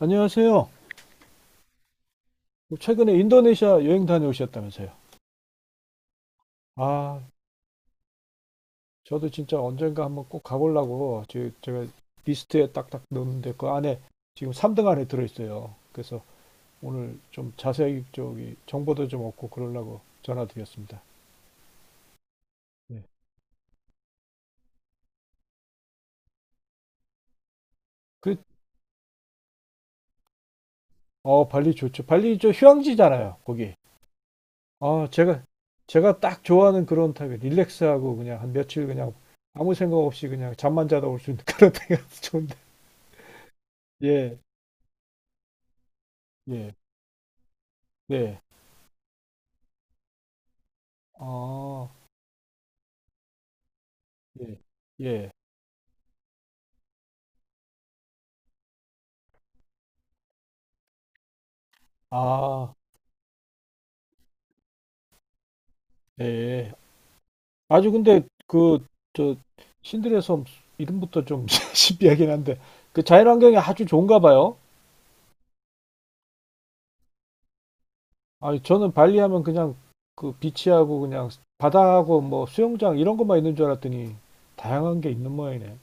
안녕하세요. 최근에 인도네시아 여행 다녀오셨다면서요? 아, 저도 진짜 언젠가 한번 꼭 가보려고 제가 리스트에 딱딱 넣었는데 그 안에 지금 3등 안에 들어있어요. 그래서 오늘 좀 자세히 저기 정보도 좀 얻고 그러려고 전화드렸습니다. 네. 그, 어, 발리 좋죠. 발리 저 휴양지잖아요, 거기. 아, 제가, 제가 딱 좋아하는 그런 타입이에요. 릴렉스하고 그냥 한 며칠 그냥 아무 생각 없이 그냥 잠만 자다 올 수 있는 그런 타입이 좋은데. 예, 예, 네. 아, 예, 예. 아, 예. 예. 아주 근데 그, 저, 신들의 섬 이름부터 좀 신비하긴 한데, 그 자연환경이 아주 좋은가 봐요. 아니, 저는 발리 하면 그냥 그 비치하고 그냥 바다하고 뭐 수영장 이런 것만 있는 줄 알았더니 다양한 게 있는 모양이네.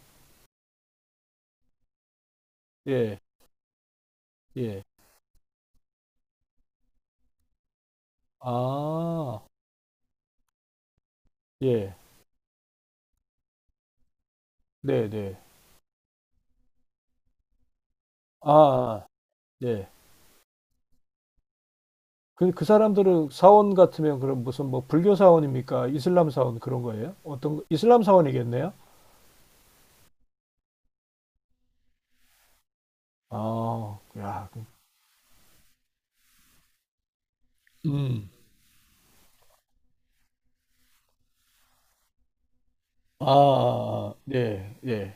예, 예. 아, 예. 네, 네. 아, 아, 예. 그, 그 사람들은 사원 같으면 그럼 무슨 뭐 불교 사원입니까? 이슬람 사원 그런 거예요? 어떤, 이슬람 사원이겠네요? 아, 야, 음, 아, 아, 아, 예, 예,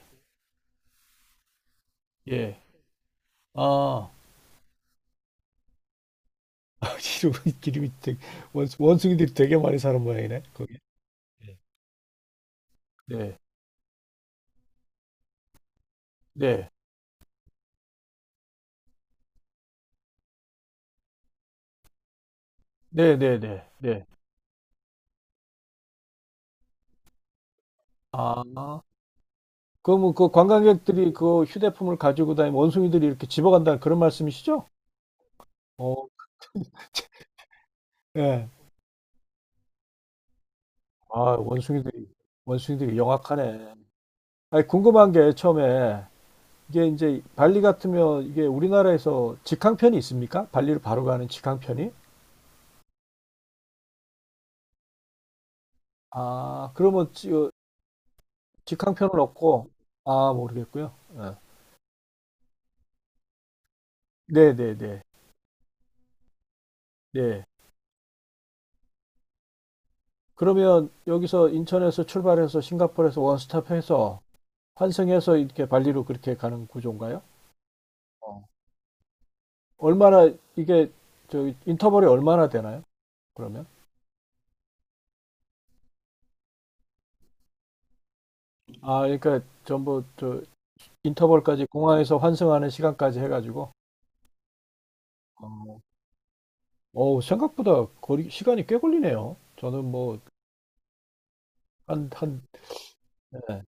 예, 아, 름이 되게, 원숭이들이 되게 많이 사는 모양이네, 거기. 예, 네, 네, 네, 네, 네, 네. 아, 그럼 그 관광객들이 그 휴대폰을 가지고 다니면 원숭이들이 이렇게 집어간다는 그런 말씀이시죠? 어, 예. 아, 원숭이들이, 원숭이들이 영악하네. 아니, 궁금한 게 처음에 이게 이제 발리 같으면 이게 우리나라에서 직항편이 있습니까? 발리를 바로 가는 직항편이? 아, 그러면 어, 직항편은 없고, 아, 모르겠고요. 예. 네네네. 네. 네. 네. 그러면 여기서 인천에서 출발해서 싱가포르에서 원스톱 해서 환승해서 이렇게 발리로 그렇게 가는 구조인가요? 어. 얼마나 이게 저 인터벌이 얼마나 되나요? 그러면? 아, 그러니까 전부 저 인터벌까지 공항에서 환승하는 시간까지 해가지고. 어. 어우, 생각보다 거리, 시간이 꽤 걸리네요. 저는 뭐, 한, 한, 예.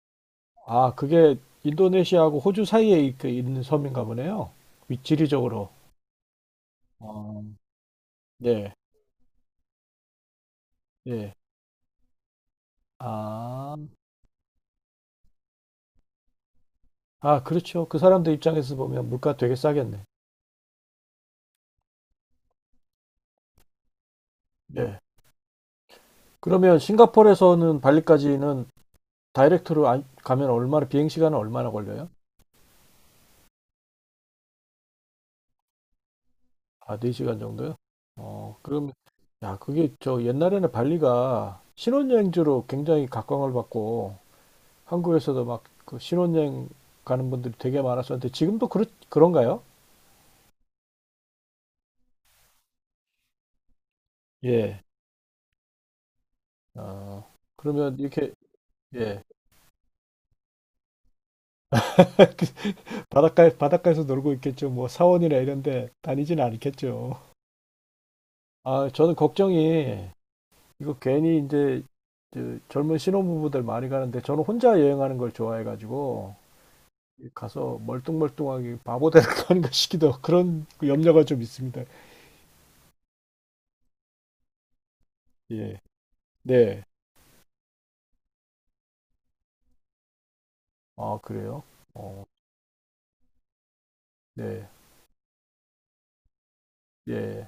아, 그게 인도네시아하고 호주 사이에 그 있는 섬인가 보네요. 지리적으로. 어, 네, 예. 아, 아, 그렇죠. 그 사람들 입장에서 보면 물가 되게 싸겠네. 예. 그러면 싱가포르에서는 발리까지는 다이렉트로 가면 얼마나, 비행시간은 얼마나 걸려요? 아, 네시간 정도요? 어, 그럼, 야, 그게 저 옛날에는 발리가 신혼여행지로 굉장히 각광을 받고, 한국에서도 막 그 신혼여행 가는 분들이 되게 많았었는데 지금도 그런가요? 예. 어, 그러면 이렇게 예. 바닷가에서 놀고 있겠죠. 뭐 사원이나 이런 데 다니진 않겠죠. 아, 저는 걱정이 이거 괜히 이제 그 젊은 신혼부부들 많이 가는데 저는 혼자 여행하는 걸 좋아해가지고 가서 멀뚱멀뚱하게 바보 되는 거 아닌가 싶기도 하고 그런 그 염려가 좀 있습니다. 예. 네. 아, 그래요? 어, 네. 예.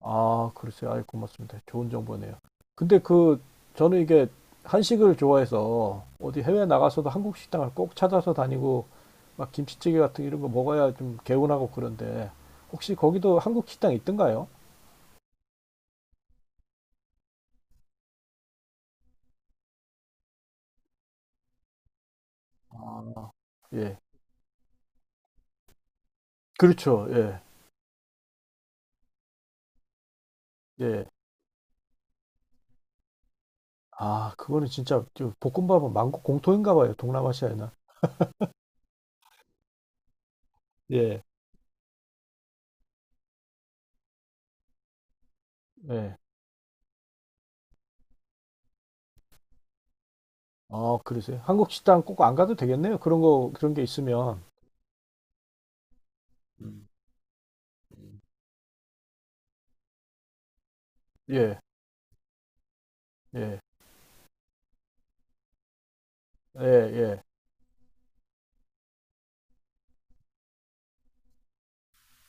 아, 그러세요. 아이, 고맙습니다. 좋은 정보네요. 근데 그, 저는 이게 한식을 좋아해서 어디 해외 나가서도 한국 식당을 꼭 찾아서 다니고 막 김치찌개 같은 이런 거 먹어야 좀 개운하고 그런데 혹시 거기도 한국 식당 있던가요? 아, 예. 그렇죠. 예. 예. 아, 그거는 진짜 저 볶음밥은 만국 공통인가 봐요. 동남아시아에나. 예. 예. 아, 그러세요. 한국 식당 꼭 안 가도 되겠네요. 그런 거, 그런 게 있으면. 음. 예. 예. 예. 예.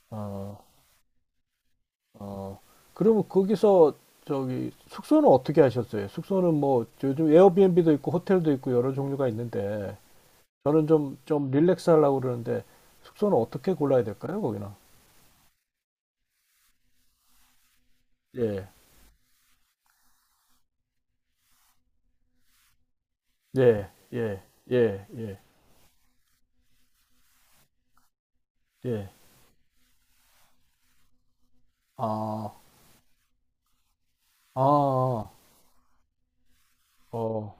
어. 어, 그러면 거기서 저기 숙소는 어떻게 하셨어요? 숙소는 뭐 요즘 에어비앤비도 있고 호텔도 있고 여러 종류가 있는데 저는 좀 릴렉스 하려고 그러는데 숙소는 어떻게 골라야 될까요, 거기는? 예, 예, 예, 예, 예, 예. 아, 아, 어,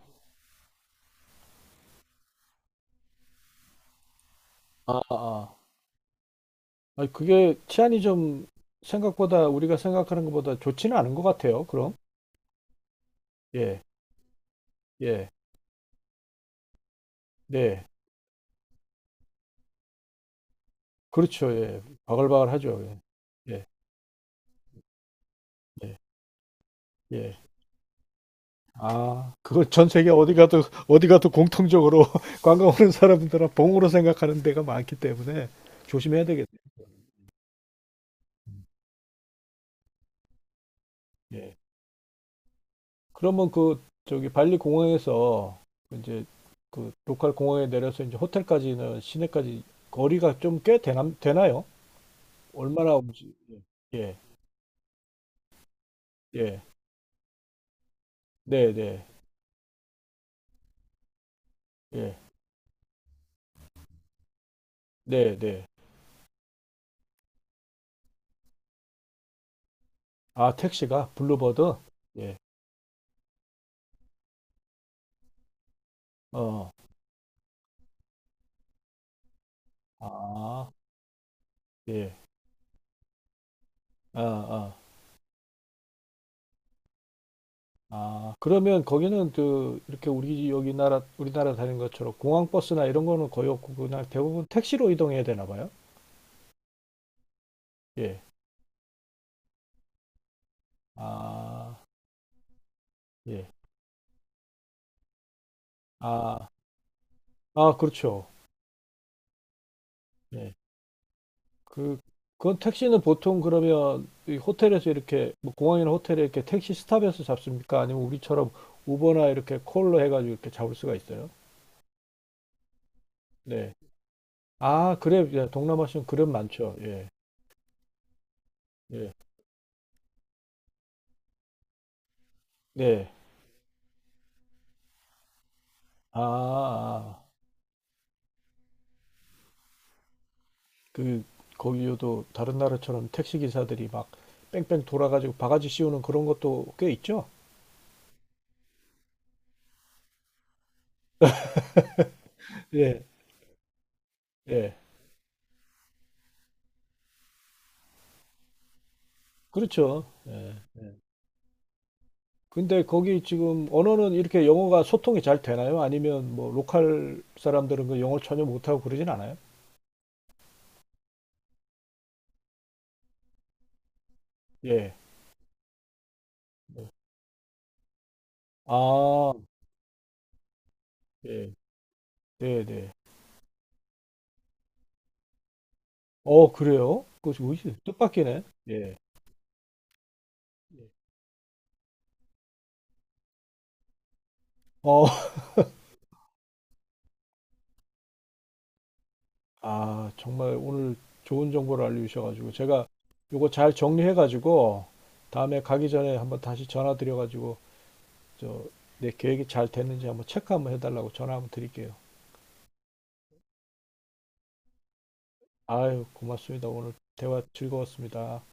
아, 아. 아니, 그게 치안이 좀 생각보다 우리가 생각하는 것보다 좋지는 않은 것 같아요, 그럼? 예, 예, 네. 그렇죠, 예. 바글바글하죠, 예, 예, 예. 예. 아, 그걸 전 세계 어디 가도 공통적으로 관광 오는 사람들은 봉으로 생각하는 데가 많기 때문에 조심해야 되겠네요. 예. 그러면 그 저기 발리 공항에서 이제 그 로컬 공항에 내려서 이제 호텔까지는 시내까지 거리가 좀 되나요? 얼마나 오지? 예, 예, 네, 네, 예, 네, 네. 아, 택시가 블루버드? 예, 어, 아, 예, 아, 아. 아, 그러면 거기는 그 이렇게 우리 여기 나라 우리나라 다니는 것처럼 공항 버스나 이런 거는 거의 없고 그냥 대부분 택시로 이동해야 되나 봐요. 예. 아, 예. 아, 아, 그렇죠. 예. 그 그건 택시는 보통 그러면 이 호텔에서 이렇게 뭐 공항이나 호텔에 이렇게 택시 스탑에서 잡습니까? 아니면 우리처럼 우버나 이렇게 콜로 해가지고 이렇게 잡을 수가 있어요? 네. 아, 그래. 예, 동남아시아는 그랩 많죠. 예. 예. 네. 아, 아, 아. 그 거기요도 다른 나라처럼 택시 기사들이 막 뺑뺑 돌아가지고 바가지 씌우는 그런 것도 꽤 있죠. 예. 예, 그렇죠. 예. 근데 거기 지금 언어는 이렇게 영어가 소통이 잘 되나요? 아니면 뭐 로컬 사람들은 그 영어를 전혀 못하고 그러진 않아요? 예. 아, 예. 네, 네. 어, 그래요? 그거 지금 뜻밖이네. 예. 어, 아, 정말 오늘 좋은 정보를 알려주셔가지고 제가 요거 잘 정리해가지고 다음에 가기 전에 한번 다시 전화 드려가지고 저 내 계획이 잘 됐는지 한번 체크 한번 해달라고 전화 한번 드릴게요. 아유, 고맙습니다. 오늘 대화 즐거웠습니다.